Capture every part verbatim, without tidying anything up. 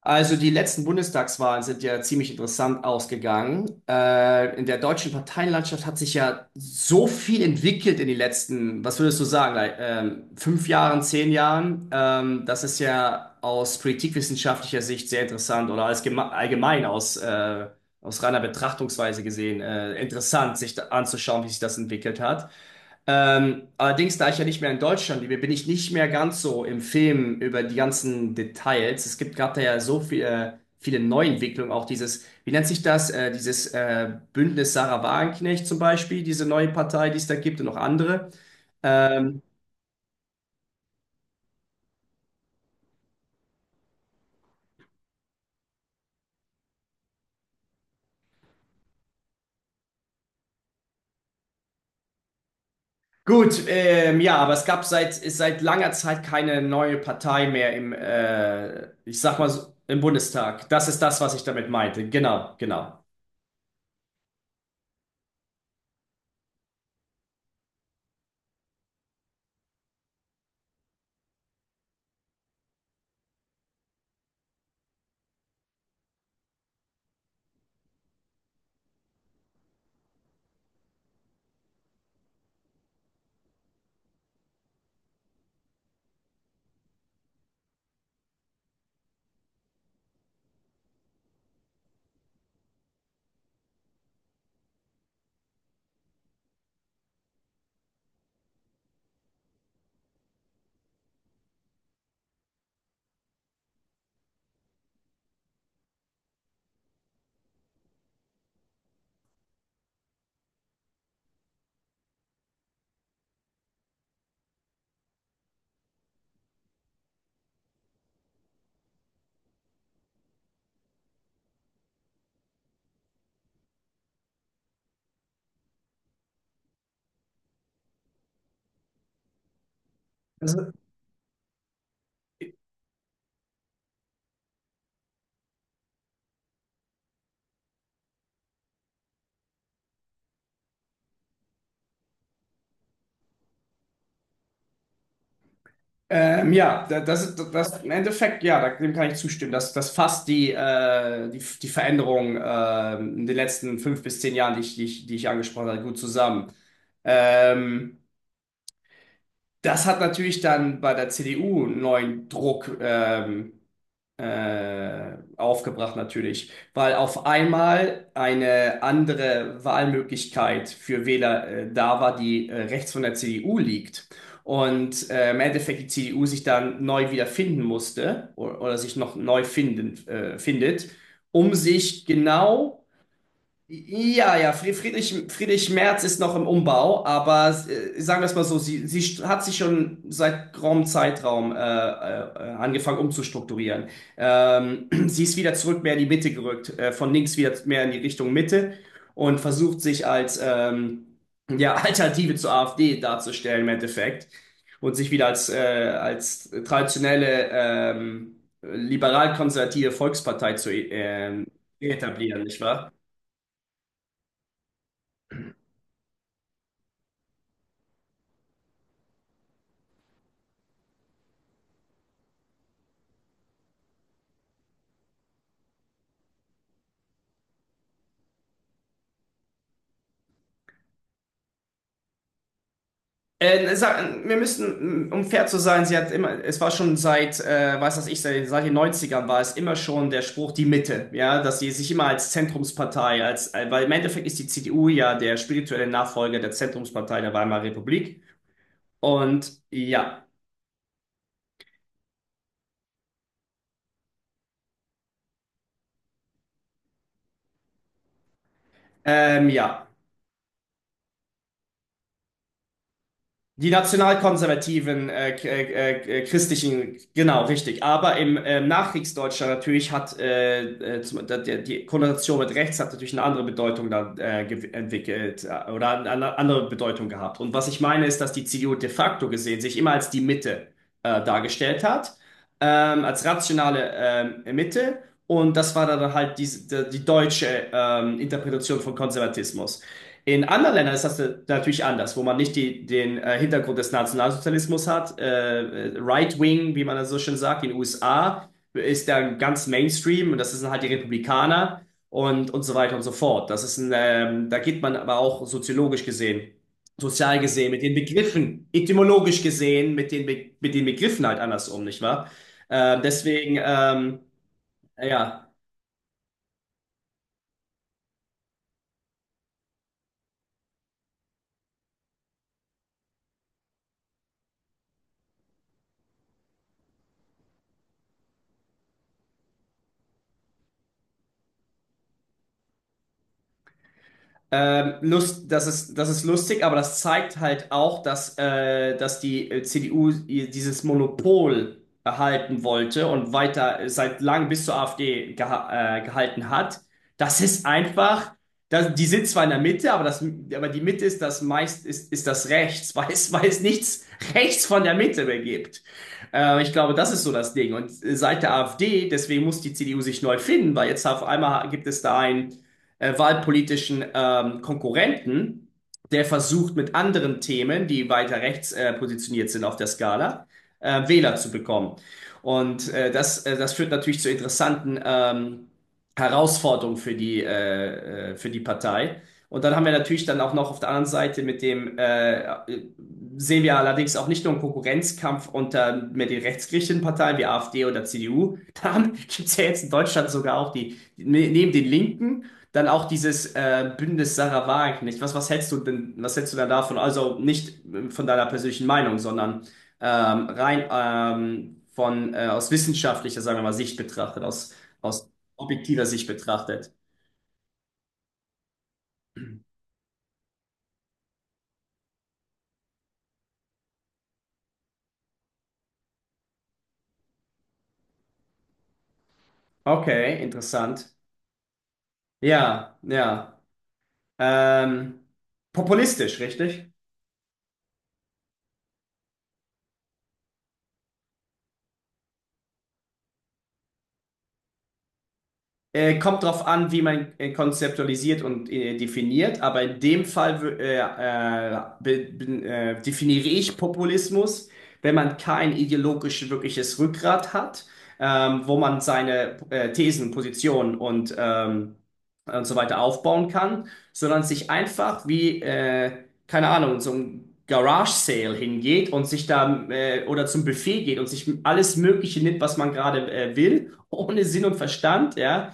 Also die letzten Bundestagswahlen sind ja ziemlich interessant ausgegangen. Äh, in der deutschen Parteienlandschaft hat sich ja so viel entwickelt in den letzten, was würdest du sagen, like, ähm, fünf Jahren, zehn Jahren. Ähm, das ist ja aus politikwissenschaftlicher Sicht sehr interessant oder als gema- allgemein aus, äh, aus reiner Betrachtungsweise gesehen äh, interessant, sich da anzuschauen, wie sich das entwickelt hat. Ähm, allerdings, da ich ja nicht mehr in Deutschland lebe, bin ich nicht mehr ganz so im Film über die ganzen Details. Es gibt gerade da ja so viel, äh, viele Neuentwicklungen, auch dieses, wie nennt sich das, äh, dieses äh, Bündnis Sarah Wagenknecht zum Beispiel, diese neue Partei, die es da gibt und noch andere. Ähm, gut, ähm, ja, aber es gab seit, ist seit langer Zeit keine neue Partei mehr im, äh, ich sag mal, so, im Bundestag. Das ist das, was ich damit meinte. Genau, genau. Ähm, ja, da- das ist das das- im Endeffekt, ja, da- dem kann ich zustimmen. Das, das fasst die, äh, die, die Veränderung ähm, in den letzten fünf bis zehn Jahren, die ich, die ich, die ich angesprochen habe, gut zusammen. Ähm, das hat natürlich dann bei der C D U einen neuen Druck. Ähm, äh, aufgebracht natürlich, weil auf einmal eine andere Wahlmöglichkeit für Wähler äh, da war, die äh, rechts von der C D U liegt. Und äh, im Endeffekt die C D U sich dann neu wiederfinden musste oder, oder sich noch neu finden, äh, findet, um sich genau ja, ja, Fried- Friedrich, Friedrich Merz ist noch im Umbau, aber äh, sagen wir es mal so, sie, sie st- hat sich schon seit geraumen Zeitraum äh, äh, äh, angefangen umzustrukturieren. Ähm, sie ist wieder zurück mehr in die Mitte gerückt, äh, von links wieder mehr in die Richtung Mitte und versucht sich als ähm, ja, Alternative zur AfD darzustellen im Endeffekt und sich wieder als, äh, als traditionelle ähm, liberal-konservative Volkspartei zu ähm, etablieren, nicht wahr? Äh, sag, wir müssen, um fair zu sein, sie hat immer, es war schon seit, äh, weiß das ich, seit, seit den Neunzigern war es immer schon der Spruch, die Mitte, ja, dass sie sich immer als Zentrumspartei, als, äh, weil im Endeffekt ist die C D U ja der spirituelle Nachfolger der Zentrumspartei der Weimarer Republik. Und ja, ähm, ja. Die nationalkonservativen äh, k- äh, äh, christlichen, genau, richtig. Aber im äh, Nachkriegsdeutschland natürlich hat äh, äh, zum, da, der, die Konnotation mit rechts hat natürlich eine andere Bedeutung dann äh, gew- entwickelt äh, oder eine eine andere Bedeutung gehabt. Und was ich meine ist, dass die C D U de facto gesehen sich immer als die Mitte äh, dargestellt hat, ähm, als rationale ähm, Mitte. Und das war dann halt diese, die, die deutsche ähm, Interpretation von Konservatismus. In anderen Ländern ist das natürlich anders, wo man nicht die, den äh, Hintergrund des Nationalsozialismus hat. Äh, äh, Right Wing, wie man das so schön sagt, in den U S A ist da ganz Mainstream und das sind halt die Republikaner und, und so weiter und so fort. Das ist ein, ähm, da geht man aber auch soziologisch gesehen, sozial gesehen, mit den Begriffen, etymologisch gesehen, mit den, Be mit den Begriffen halt anders um, nicht wahr? Äh, deswegen, ähm, ja. Ähm, Lust, das ist, das ist, lustig, aber das zeigt halt auch, dass, äh, dass die äh, C D U ihr dieses Monopol erhalten wollte und weiter äh, seit langem bis zur AfD geha äh, gehalten hat. Das ist einfach, das, die sind zwar in der Mitte, aber, das, aber die Mitte ist das meist, ist, ist das rechts, weil es, weil es nichts rechts von der Mitte mehr gibt. Äh, ich glaube, das ist so das Ding. Und äh, seit der AfD, deswegen muss die C D U sich neu finden, weil jetzt auf einmal gibt es da ein äh, wahlpolitischen ähm, Konkurrenten, der versucht mit anderen Themen, die weiter rechts äh, positioniert sind auf der Skala, äh, Wähler zu bekommen. Und äh, das, äh, das führt natürlich zu interessanten ähm, Herausforderungen für die, äh, äh, für die Partei. Und dann haben wir natürlich dann auch noch auf der anderen Seite mit dem, äh, äh, sehen wir allerdings auch nicht nur einen Konkurrenzkampf unter mit den rechtsgerichteten Parteien wie AfD oder C D U. Da gibt es ja jetzt in Deutschland sogar auch die, neben den Linken dann auch dieses äh, Bündnis Sarah Wagenknecht. Was, was hältst du denn, was hältst du denn davon? Also nicht äh, von deiner persönlichen Meinung, sondern ähm, rein ähm, von äh, aus wissenschaftlicher, sagen wir mal, Sicht betrachtet, aus, aus objektiver Sicht betrachtet. Okay, interessant. Ja, ja. Ähm, populistisch, richtig? Äh, kommt drauf an, wie man äh, konzeptualisiert und äh, definiert, aber in dem Fall wür- äh, äh, be, be, äh, definiere ich Populismus, wenn man kein ideologisch wirkliches Rückgrat hat, ähm, wo man seine äh, Thesen, Positionen und, ähm, und so weiter aufbauen kann, sondern sich einfach wie, äh, keine Ahnung, so ein Garage Sale hingeht und sich da äh, oder zum Buffet geht und sich alles Mögliche nimmt, was man gerade äh, will, ohne Sinn und Verstand, ja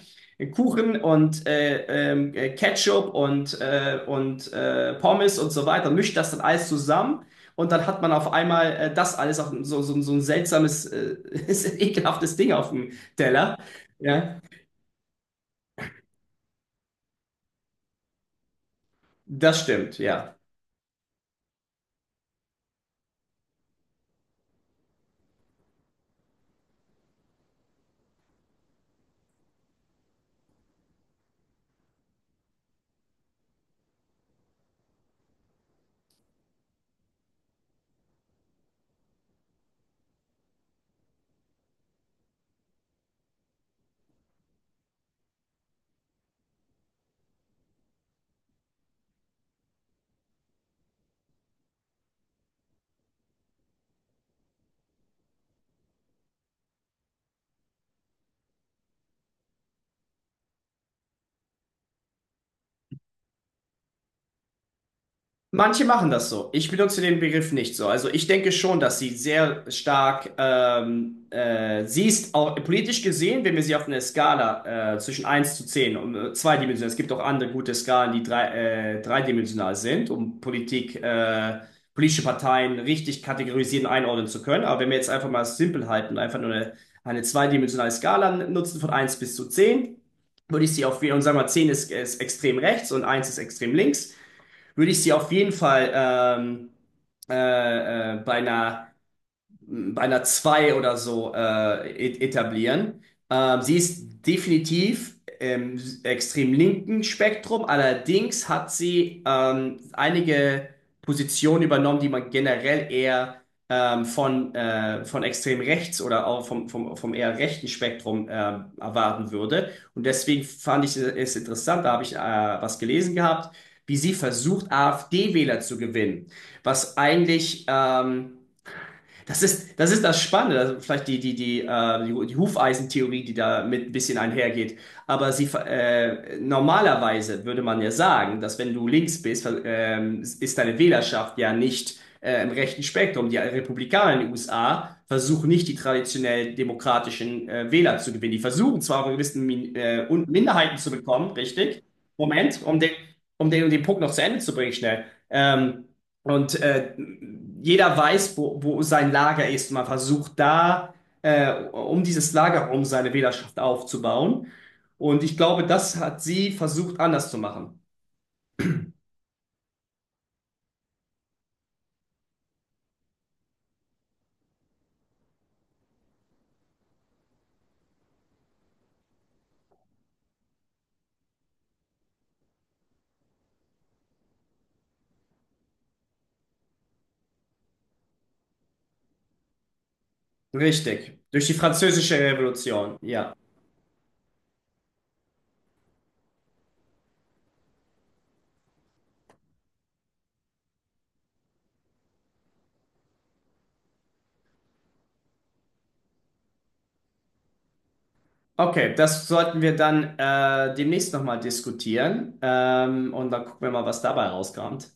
Kuchen und äh, ähm, äh, Ketchup und, äh, und äh, Pommes und so weiter, mischt das dann alles zusammen und dann hat man auf einmal äh, das alles auf so, so, so ein seltsames, äh, ekelhaftes Ding auf dem Teller. Ja, das stimmt, ja. Manche machen das so. Ich benutze den Begriff nicht so. Also ich denke schon, dass sie sehr stark, ähm, äh, sie ist auch politisch gesehen, wenn wir sie auf einer Skala äh, zwischen eins zu zehn, und äh, zweidimensional, es gibt auch andere gute Skalen, die drei, äh, dreidimensional sind, um Politik, äh, politische Parteien richtig kategorisieren, einordnen zu können. Aber wenn wir jetzt einfach mal simpel halten, einfach nur eine, eine zweidimensionale Skala nutzen von eins bis zu zehn, würde ich sie auf, und sagen wir mal, zehn ist, ist extrem rechts und eins ist extrem links würde ich sie auf jeden Fall ähm, äh, äh, bei einer bei einer zwei oder so äh, et- etablieren. Ähm, sie ist definitiv im extrem linken Spektrum, allerdings hat sie ähm, einige Positionen übernommen, die man generell eher ähm, von, äh, von extrem rechts oder auch vom, vom, vom eher rechten Spektrum ähm, erwarten würde. Und deswegen fand ich es interessant, da habe ich äh, was gelesen gehabt, wie sie versucht, AfD-Wähler zu gewinnen, was eigentlich... Ähm, das ist, das ist, das Spannende, also vielleicht die, die, die, äh, die, die Hufeisentheorie, die da mit ein bisschen einhergeht. Aber sie, ver- äh, normalerweise würde man ja sagen, dass wenn du links bist, ver- ähm, ist deine Wählerschaft ja nicht äh, im rechten Spektrum. Die Republikaner in den U S A versuchen nicht, die traditionell demokratischen äh, Wähler zu gewinnen. Die versuchen zwar auch gewissen Min äh, und Minderheiten zu bekommen, richtig? Moment, um den, um den, um den Punkt noch zu Ende zu bringen, schnell. Ähm, und äh, jeder weiß, wo, wo sein Lager ist. Man versucht da, äh, um dieses Lager herum seine Wählerschaft aufzubauen. Und ich glaube, das hat sie versucht anders zu machen. Richtig. Durch die Französische Revolution. Ja. Okay, das sollten wir dann äh, demnächst nochmal diskutieren. Ähm, und dann gucken wir mal, was dabei rauskommt.